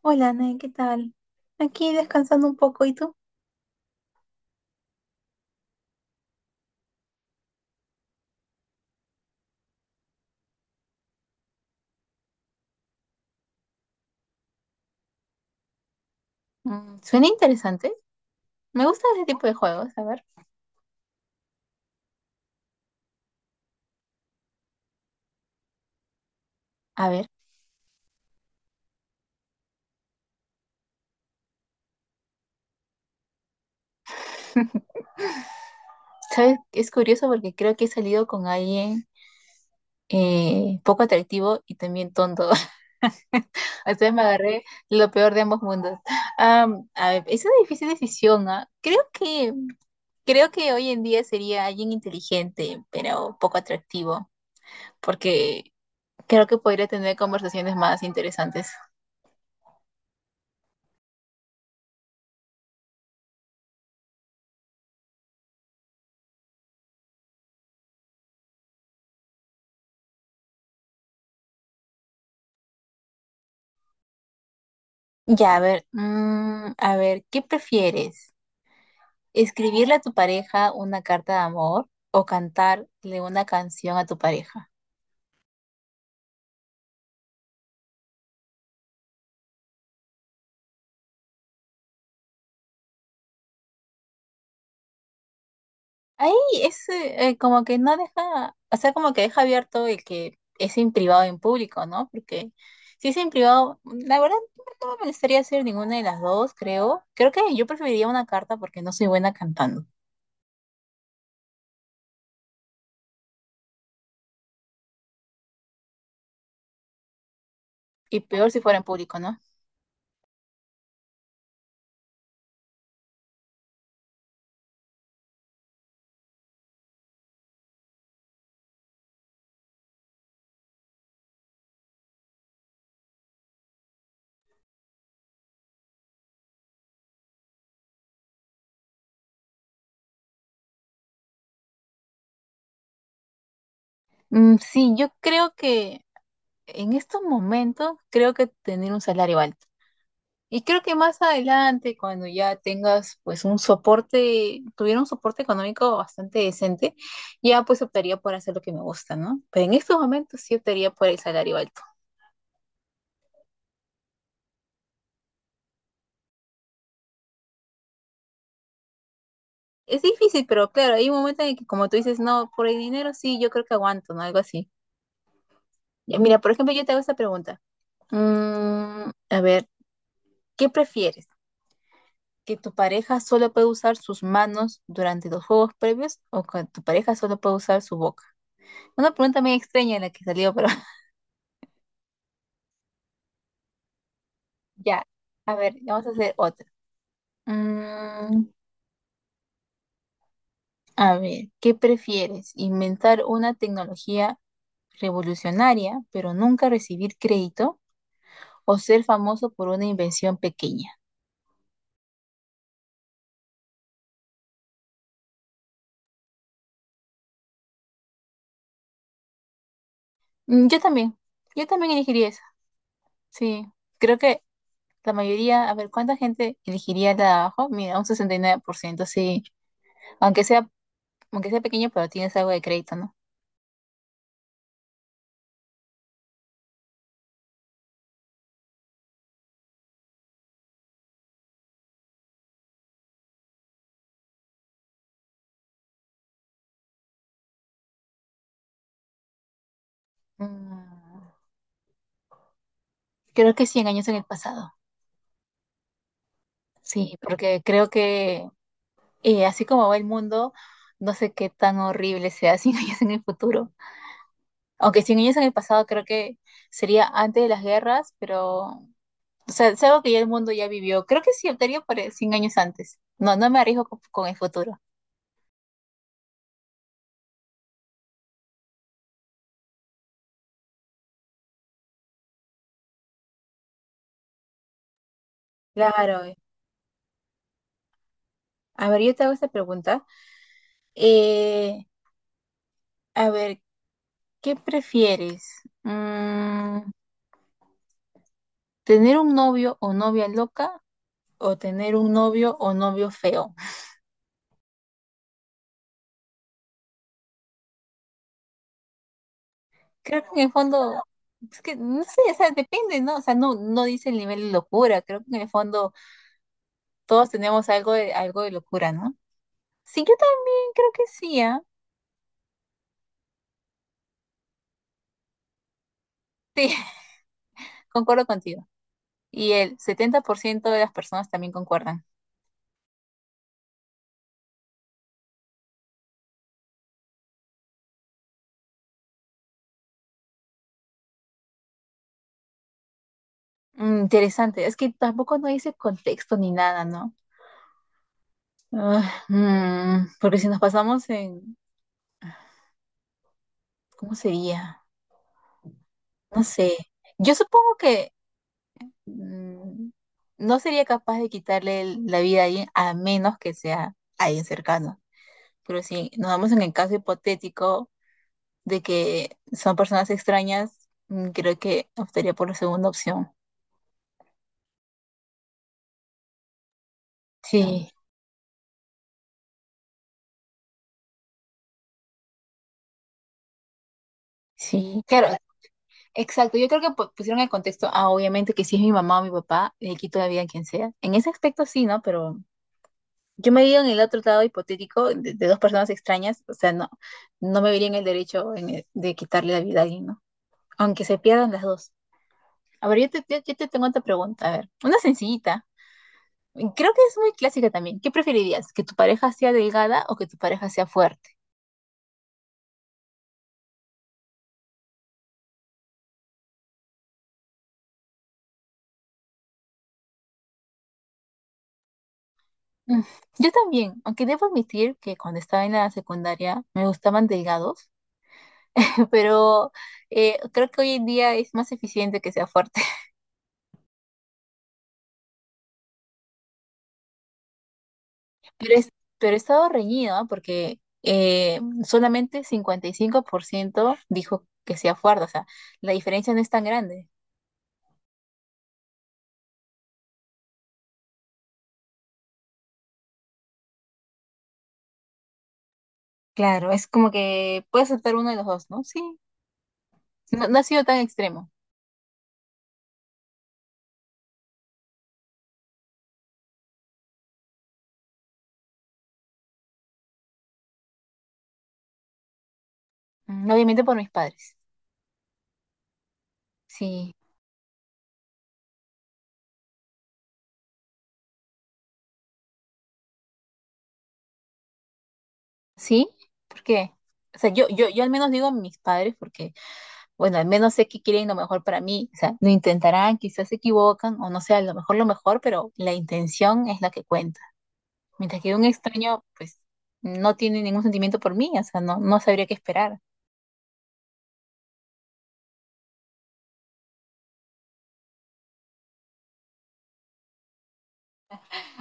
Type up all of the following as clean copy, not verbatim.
Hola, Nay, ¿qué tal? Aquí descansando un poco, ¿y tú? Suena interesante. Me gusta ese tipo de juegos. A ver, ¿sabes? Es curioso porque creo que he salido con alguien poco atractivo y también tonto. Entonces me agarré lo peor de ambos mundos. A ver, es una difícil decisión, ¿ah? Creo que hoy en día sería alguien inteligente, pero poco atractivo, porque creo que podría tener conversaciones más interesantes. Ya, a ver, a ver, ¿qué prefieres? ¿Escribirle a tu pareja una carta de amor o cantarle una canción a tu pareja? Ahí es como que no deja, o sea, como que deja abierto el que es en privado o en público, ¿no? Porque si es en privado, la verdad no me molestaría hacer ninguna de las dos, creo. Creo que yo preferiría una carta porque no soy buena cantando. Y peor si fuera en público, ¿no? Mm, sí, yo creo que en estos momentos, creo que tener un salario alto. Y creo que más adelante, cuando ya tengas pues un soporte, tuviera un soporte económico bastante decente, ya pues optaría por hacer lo que me gusta, ¿no? Pero en estos momentos sí optaría por el salario alto. Es difícil, pero claro, hay un momento en el que como tú dices, no, por el dinero sí, yo creo que aguanto, ¿no? Algo así. Ya, mira, por ejemplo, yo te hago esta pregunta. A ver, ¿qué prefieres? ¿Que tu pareja solo puede usar sus manos durante los juegos previos o que tu pareja solo puede usar su boca? Una pregunta muy extraña la que salió, pero. Ya, a ver, vamos a hacer otra. Mm, a ver, ¿qué prefieres? ¿Inventar una tecnología revolucionaria, pero nunca recibir crédito? ¿O ser famoso por una invención pequeña? Mm, yo también, yo también elegiría esa. Sí, creo que la mayoría, a ver, ¿cuánta gente elegiría la de abajo? Mira, un 69%. Sí. Aunque sea, aunque sea pequeño, pero tienes algo de crédito, ¿no? Mm, creo que 100 años en el pasado. Sí, porque creo que. Y así como va el mundo, no sé qué tan horrible sea 100 años en el futuro. Aunque 100 años en el pasado creo que sería antes de las guerras, pero. O sea, es algo que ya el mundo ya vivió. Creo que sí, optaría por el 100 años antes. No, no me arriesgo con el futuro. Claro. A ver, yo te hago esta pregunta. Eh, A ver, ¿qué prefieres? Mm, ¿Tener un novio o novia loca o tener un novio o novio feo? Creo que en el fondo, es que no sé, o sea, depende, ¿no? O sea, no, no dice el nivel de locura, creo que en el fondo todos tenemos algo de locura, ¿no? Sí, yo también creo que sí, ¿ah? Sí, concuerdo contigo. Y el 70% de las personas también concuerdan. Interesante, es que tampoco no dice contexto ni nada, ¿no? Ah, porque si nos pasamos en, ¿cómo sería? No sé. Yo supongo que mm, no sería capaz de quitarle el- la vida a alguien a menos que sea alguien cercano. Pero si nos vamos en el caso hipotético de que son personas extrañas, creo que optaría por la segunda opción. Sí, sí, claro. Exacto, yo creo que pusieron el contexto, ah, obviamente que si es mi mamá o mi papá, le quito la vida a quien sea. En ese aspecto sí, ¿no? Pero yo me veía en el otro lado hipotético de, dos personas extrañas, o sea, no, no me vería en el derecho en de quitarle la vida a alguien, ¿no? Aunque se pierdan las dos. A ver, yo te tengo otra pregunta, a ver, una sencillita. Creo que es muy clásica también. ¿Qué preferirías? ¿Que tu pareja sea delgada o que tu pareja sea fuerte? Mm, Yo también, aunque debo admitir que cuando estaba en la secundaria me gustaban delgados, pero creo que hoy en día es más eficiente que sea fuerte. Pero, es, pero he estado reñida porque solamente 55% dijo que sea fuerte, o sea, la diferencia no es tan grande. Claro, es como que puede aceptar uno de los dos, ¿no? Sí, no, no ha sido tan extremo. Obviamente por mis padres. Sí, sí, ¿por qué? O sea, yo al menos digo mis padres porque, bueno, al menos sé que quieren lo mejor para mí. O sea, lo intentarán, quizás se equivocan o no sea, a lo mejor, pero la intención es la que cuenta. Mientras que un extraño, pues, no tiene ningún sentimiento por mí, o sea, no, no sabría qué esperar.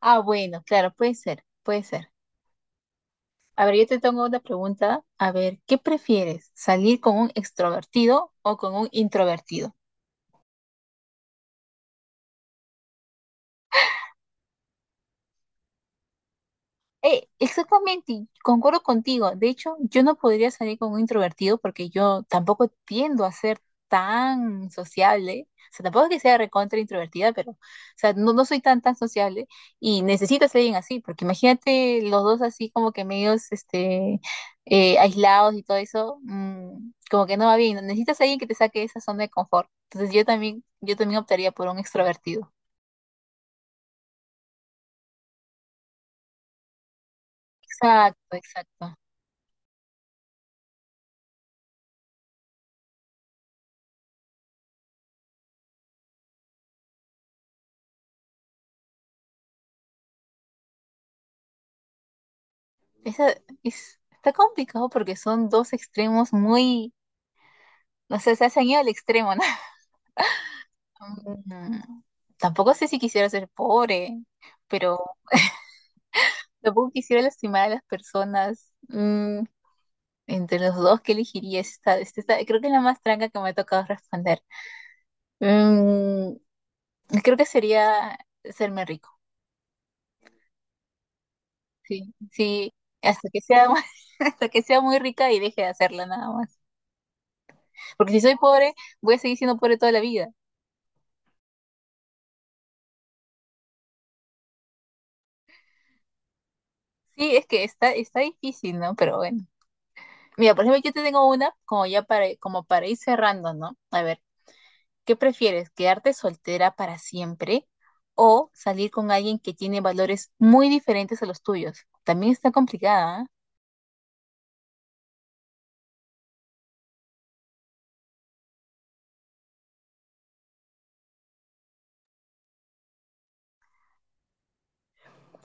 Ah, bueno, claro, puede ser, puede ser. A ver, yo te tengo una pregunta. A ver, ¿qué prefieres? ¿Salir con un extrovertido o con un introvertido? Exactamente, concuerdo contigo. De hecho, yo no podría salir con un introvertido porque yo tampoco tiendo a ser tan sociable. O sea, tampoco es que sea recontra introvertida, pero, o sea, no, no soy tan, tan sociable y necesito ser alguien así, porque imagínate los dos así como que medios, este, aislados y todo eso, como que no va bien. Necesitas a alguien que te saque de esa zona de confort. Entonces yo también optaría por un extrovertido. Exacto, exacto. Esa- está complicado porque son dos extremos muy, no sé, se han ido al extremo, ¿no? Mm, Tampoco sé si quisiera ser pobre, pero tampoco quisiera lastimar a las personas. Entre los dos, ¿qué elegiría? Creo que es la más tranca que me ha tocado responder. Mm, creo que sería serme rico. Sí, sí, hasta que sea, mu- hasta que sea muy rica y deje de hacerla nada más. Porque si soy pobre, voy a seguir siendo pobre toda la vida. Sí, es que está, está difícil, ¿no? Pero bueno. Mira, por ejemplo, yo te tengo una como ya para, como para ir cerrando, ¿no? A ver, ¿qué prefieres? ¿Quedarte soltera para siempre o salir con alguien que tiene valores muy diferentes a los tuyos? También está complicada, ¿ah?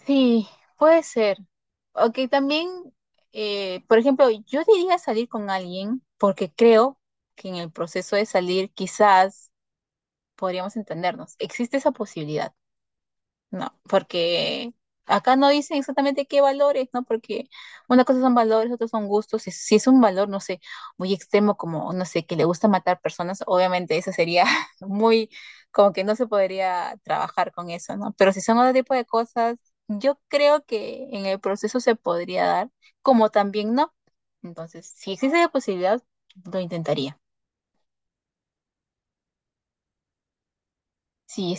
Sí, puede ser. Ok, también, por ejemplo, yo diría salir con alguien porque creo que en el proceso de salir quizás podríamos entendernos. Existe esa posibilidad. No, porque acá no dicen exactamente qué valores, ¿no? Porque una cosa son valores, otros son gustos. Si, si es un valor, no sé, muy extremo, como, no sé, que le gusta matar personas, obviamente eso sería muy, como que no se podría trabajar con eso, ¿no? Pero si son otro tipo de cosas, yo creo que en el proceso se podría dar, como también no. Entonces, si existe la posibilidad, lo intentaría. Sí,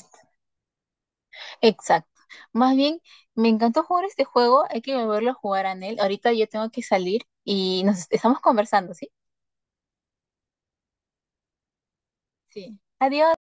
exacto. Más bien, me encantó jugar este juego. Hay que volverlo a jugar, Anel. Ahorita yo tengo que salir y nos estamos conversando, ¿sí? Sí. Adiós.